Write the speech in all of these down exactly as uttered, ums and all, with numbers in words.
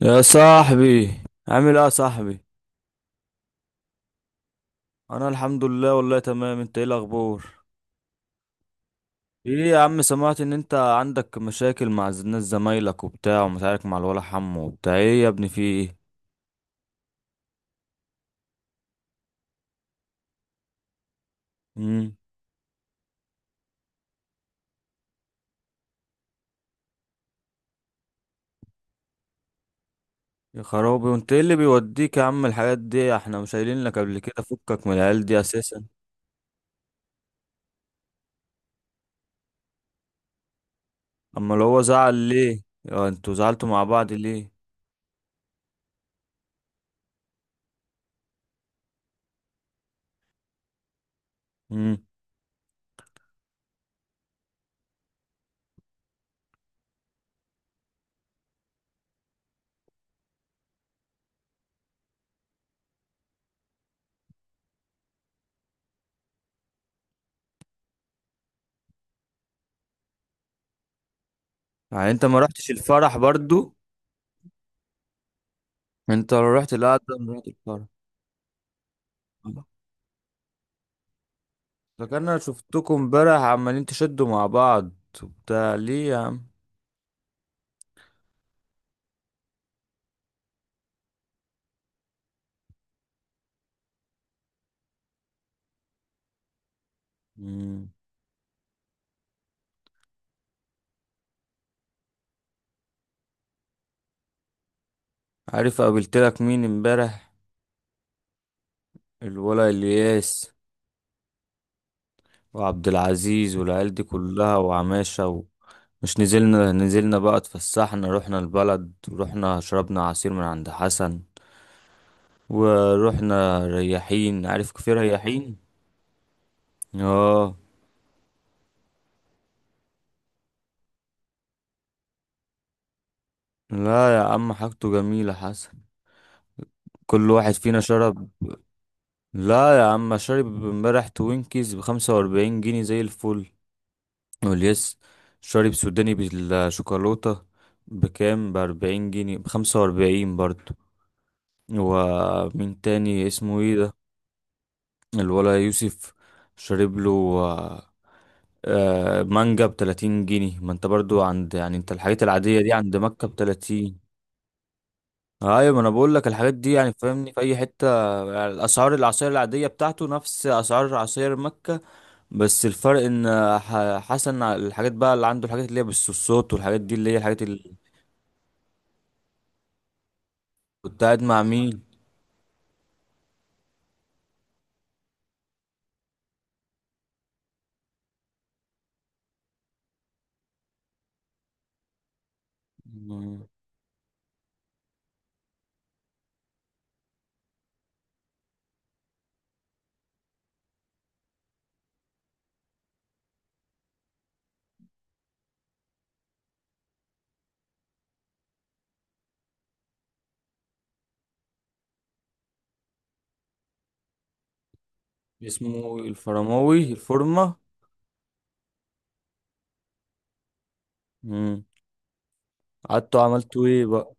يا صاحبي، عامل ايه يا صاحبي؟ انا الحمد لله والله تمام، انت ايه الاخبار؟ ايه يا عم، سمعت ان انت عندك مشاكل مع ز- ناس زمايلك وبتاع، ومشاكل مع الولا حمو وبتاع، ايه يا ابني في ايه؟ امم. يا خرابي، وانت ايه اللي بيوديك يا عم الحاجات دي؟ احنا مش قايلين لك قبل كده فكك من العيال دي اساسا؟ اما لو هو زعل ليه؟ اه، انتوا زعلتوا مع بعض ليه؟ امم. يعني انت ما رحتش الفرح برضو؟ انت لو رحت، لا ده ما رحت الفرح. ده كان انا شفتكم امبارح عمالين تشدوا مع بعض وبتاع، ليه يا عم؟ مم. عارف قابلتلك مين امبارح؟ الولا الياس وعبد العزيز والعيال دي كلها وعماشة و... مش نزلنا نزلنا بقى، اتفسحنا، رحنا البلد، ورحنا شربنا عصير من عند حسن، ورحنا رياحين، عارف كيف رياحين؟ اه. لا يا عم، حاجته جميلة حسن، كل واحد فينا شرب. لا يا عم، شارب امبارح توينكيز بخمسة وأربعين جنيه زي الفل، واليس شارب سوداني بالشوكولاتة بكام، بأربعين جنيه، بخمسة وأربعين برضو. ومين تاني اسمه ايه ده؟ الولا يوسف شارب له آه، آه، مانجا بتلاتين جنيه. ما انت برضو عند، يعني انت الحاجات العادية دي عند مكة بتلاتين. ايوه، ما انا بقول لك الحاجات دي، يعني فاهمني، في اي حتة. يعني الاسعار، العصير العادية بتاعته نفس اسعار عصير مكة، بس الفرق ان ح- حسن الحاجات بقى اللي عنده، الحاجات اللي هي بالصوت والحاجات دي اللي هي الحاجات اللي... كنت قاعد مع مين؟ مم. اسمه الفرماوي، الفورمة. مم. قعدت عملته ايه بقى؟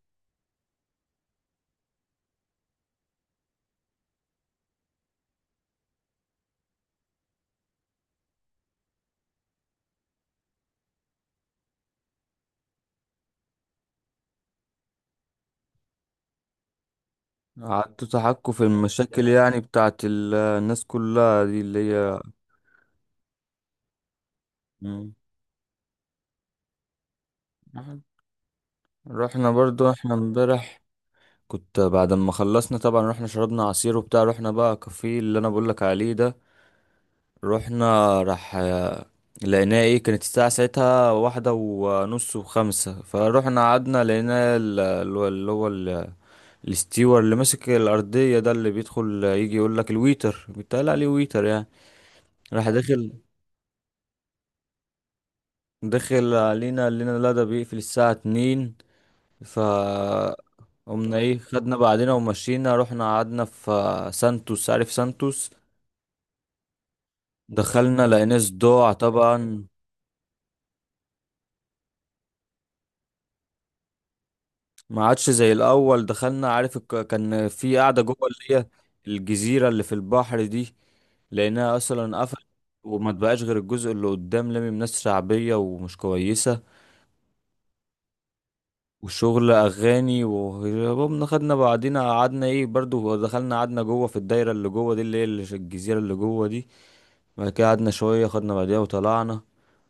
قعدت تحكوا في المشاكل، يعني بتاعت ال- الناس كلها دي اللي هي. مم. رحنا برضو احنا امبارح، كنت بعد ما خلصنا طبعا رحنا شربنا عصير وبتاع، رحنا بقى كافيه اللي انا بقولك عليه ده، رحنا، راح لقيناها ايه، كانت الساعة ساعتها واحدة ونص وخمسة، فروحنا قعدنا، لقينا ال- ال- اللي هو ال- الاستيور اللي ماسك الأرضية ده، اللي بيدخل يجي يقول لك، الويتر بيتقال عليه ويتر يعني. راح داخل، داخل علينا، قال لنا لا ده بيقفل الساعة اتنين. ف قمنا ايه، خدنا بعدنا ومشينا، رحنا قعدنا في سانتوس، عارف سانتوس؟ دخلنا لقيناه صداع طبعا، ما عادش زي الاول. دخلنا، عارف الك- كان في قاعده جوه اللي هي الجزيره اللي في البحر دي، لانها اصلا قفلت، وما تبقاش غير الجزء اللي قدام، لامم ناس شعبيه ومش كويسه، وشغل اغاني، وهربنا، خدنا بعدينا، قعدنا ايه برضو، دخلنا قعدنا جوه في الدايره اللي جوه دي اللي هي اللي- الجزيره اللي جوه دي. بعد كده قعدنا شويه، خدنا بعديها وطلعنا،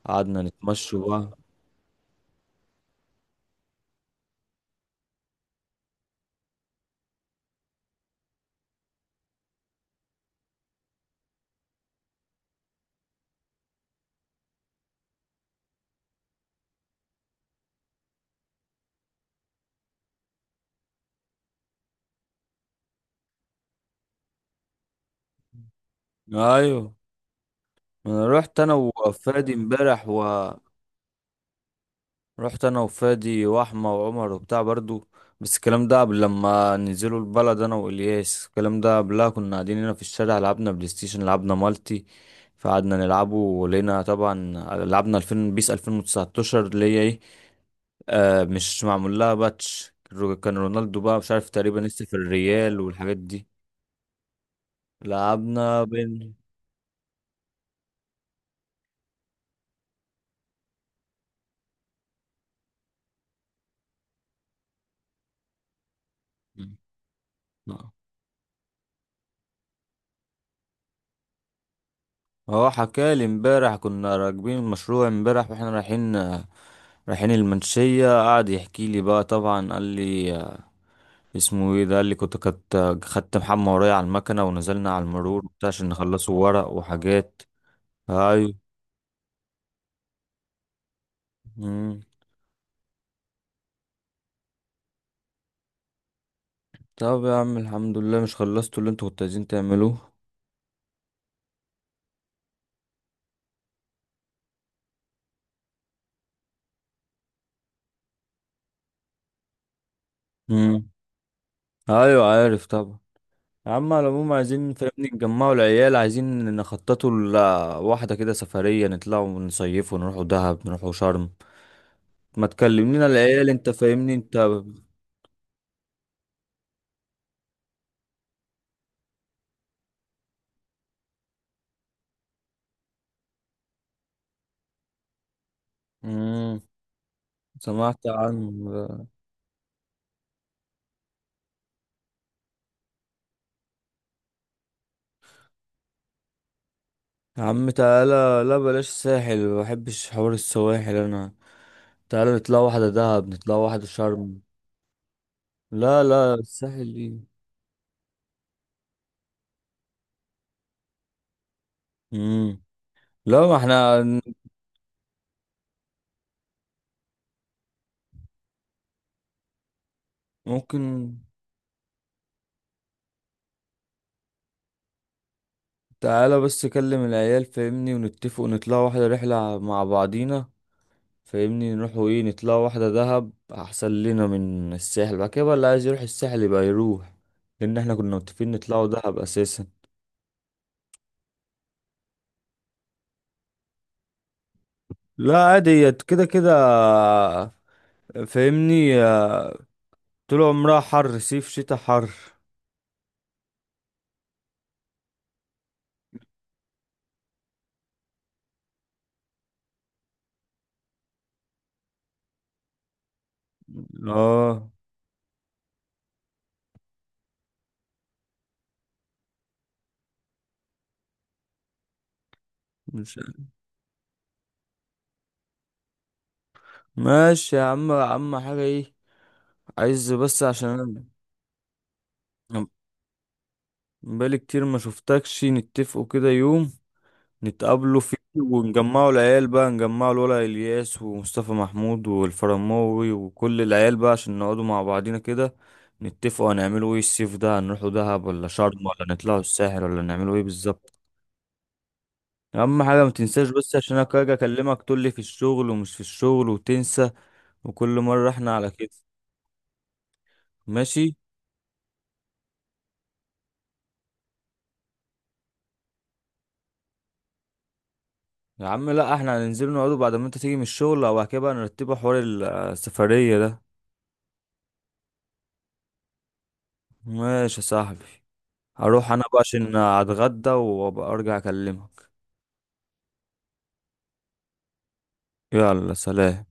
قعدنا نتمشى بقى. ايوه. انا رحت انا وفادي امبارح و رحت انا وفادي واحمى وعمر وبتاع برضو. بس الكلام ده قبل لما ننزلوا البلد، انا والياس، الكلام ده قبلها كنا قاعدين هنا في الشارع، لعبنا بلاي ستيشن، لعبنا مالتي، فقعدنا نلعبه ولقينا طبعا، لعبنا الفين، بيس الفين وتسعة عشر اللي هي ايه، آه، مش معمول لها باتش، رو- كان رونالدو بقى مش عارف تقريبا لسه في الريال والحاجات دي، لعبنا بين. هو حكالي امبارح، كنا راكبين المشروع امبارح واحنا رايحين رايحين المنشية، قعد يحكي لي بقى طبعا، قال لي اسمه ايه ده، قال لي كنت كنت خدت محمى ورايا على المكنة، ونزلنا على المرور وبتاع عشان نخلصوا ورق وحاجات. ايوه. مم. طب يا عم الحمد لله، مش خلصتوا اللي انتوا كنتوا عايزين تعملوه؟ مم. ايوه، عارف طبعا. يا عم على العموم، عايزين فاهمني نجمعوا العيال، عايزين نخططوا لواحدة كده سفرية، نطلعوا ونصيفوا، نروحوا دهب، نروحوا شرم. ما تكلمنينا العيال، انت فاهمني انت. امم. سمعت عنه ده. يا عم تعالى، لا بلاش ساحل، ما بحبش حوار السواحل انا، تعالى نطلع واحدة دهب، نطلع واحدة شرم. لا لا، الساحل دي. امم. لا ما احنا ن- ممكن. تعالى بس كلم العيال فاهمني، ونتفق ونطلع واحدة رحلة مع بعضينا، فاهمني، نروحوا ايه، نطلع واحدة دهب احسن لنا من الساحل، بعد كده بقى اللي عايز يروح الساحل يبقى يروح، لان احنا كنا متفقين نطلعوا دهب اساسا. لا عادي هي كده كده، فاهمني، طول عمرها حر، صيف شتاء حر. اه مش ماشي يا عم. عم حاجة ايه، عايز بس عشان انا أنا بقالي كتير ما شفتكش، نتفقوا كده يوم نتقابلوا فيه ونجمعوا العيال بقى، نجمعوا الولا الياس ومصطفى محمود والفرماوي وكل العيال بقى، عشان نقعدوا مع بعضينا كده، نتفقوا هنعملوا ايه الصيف ده، هنروحوا دهب ولا شرم، ولا نطلعوا الساحل، ولا نعملوا ايه بالظبط. اهم حاجه ما تنساش، بس عشان انا اجي اكلمك تقول لي في الشغل ومش في الشغل وتنسى، وكل مره احنا على كده. ماشي يا عم. لا احنا هننزل نقعدوا بعد ما انت تيجي من الشغل، او بعد كده بقى نرتبوا حوار السفريه ده. ماشي يا صاحبي، هروح انا بقى عشان اتغدى، وابقى ارجع اكلمك. يلا سلام.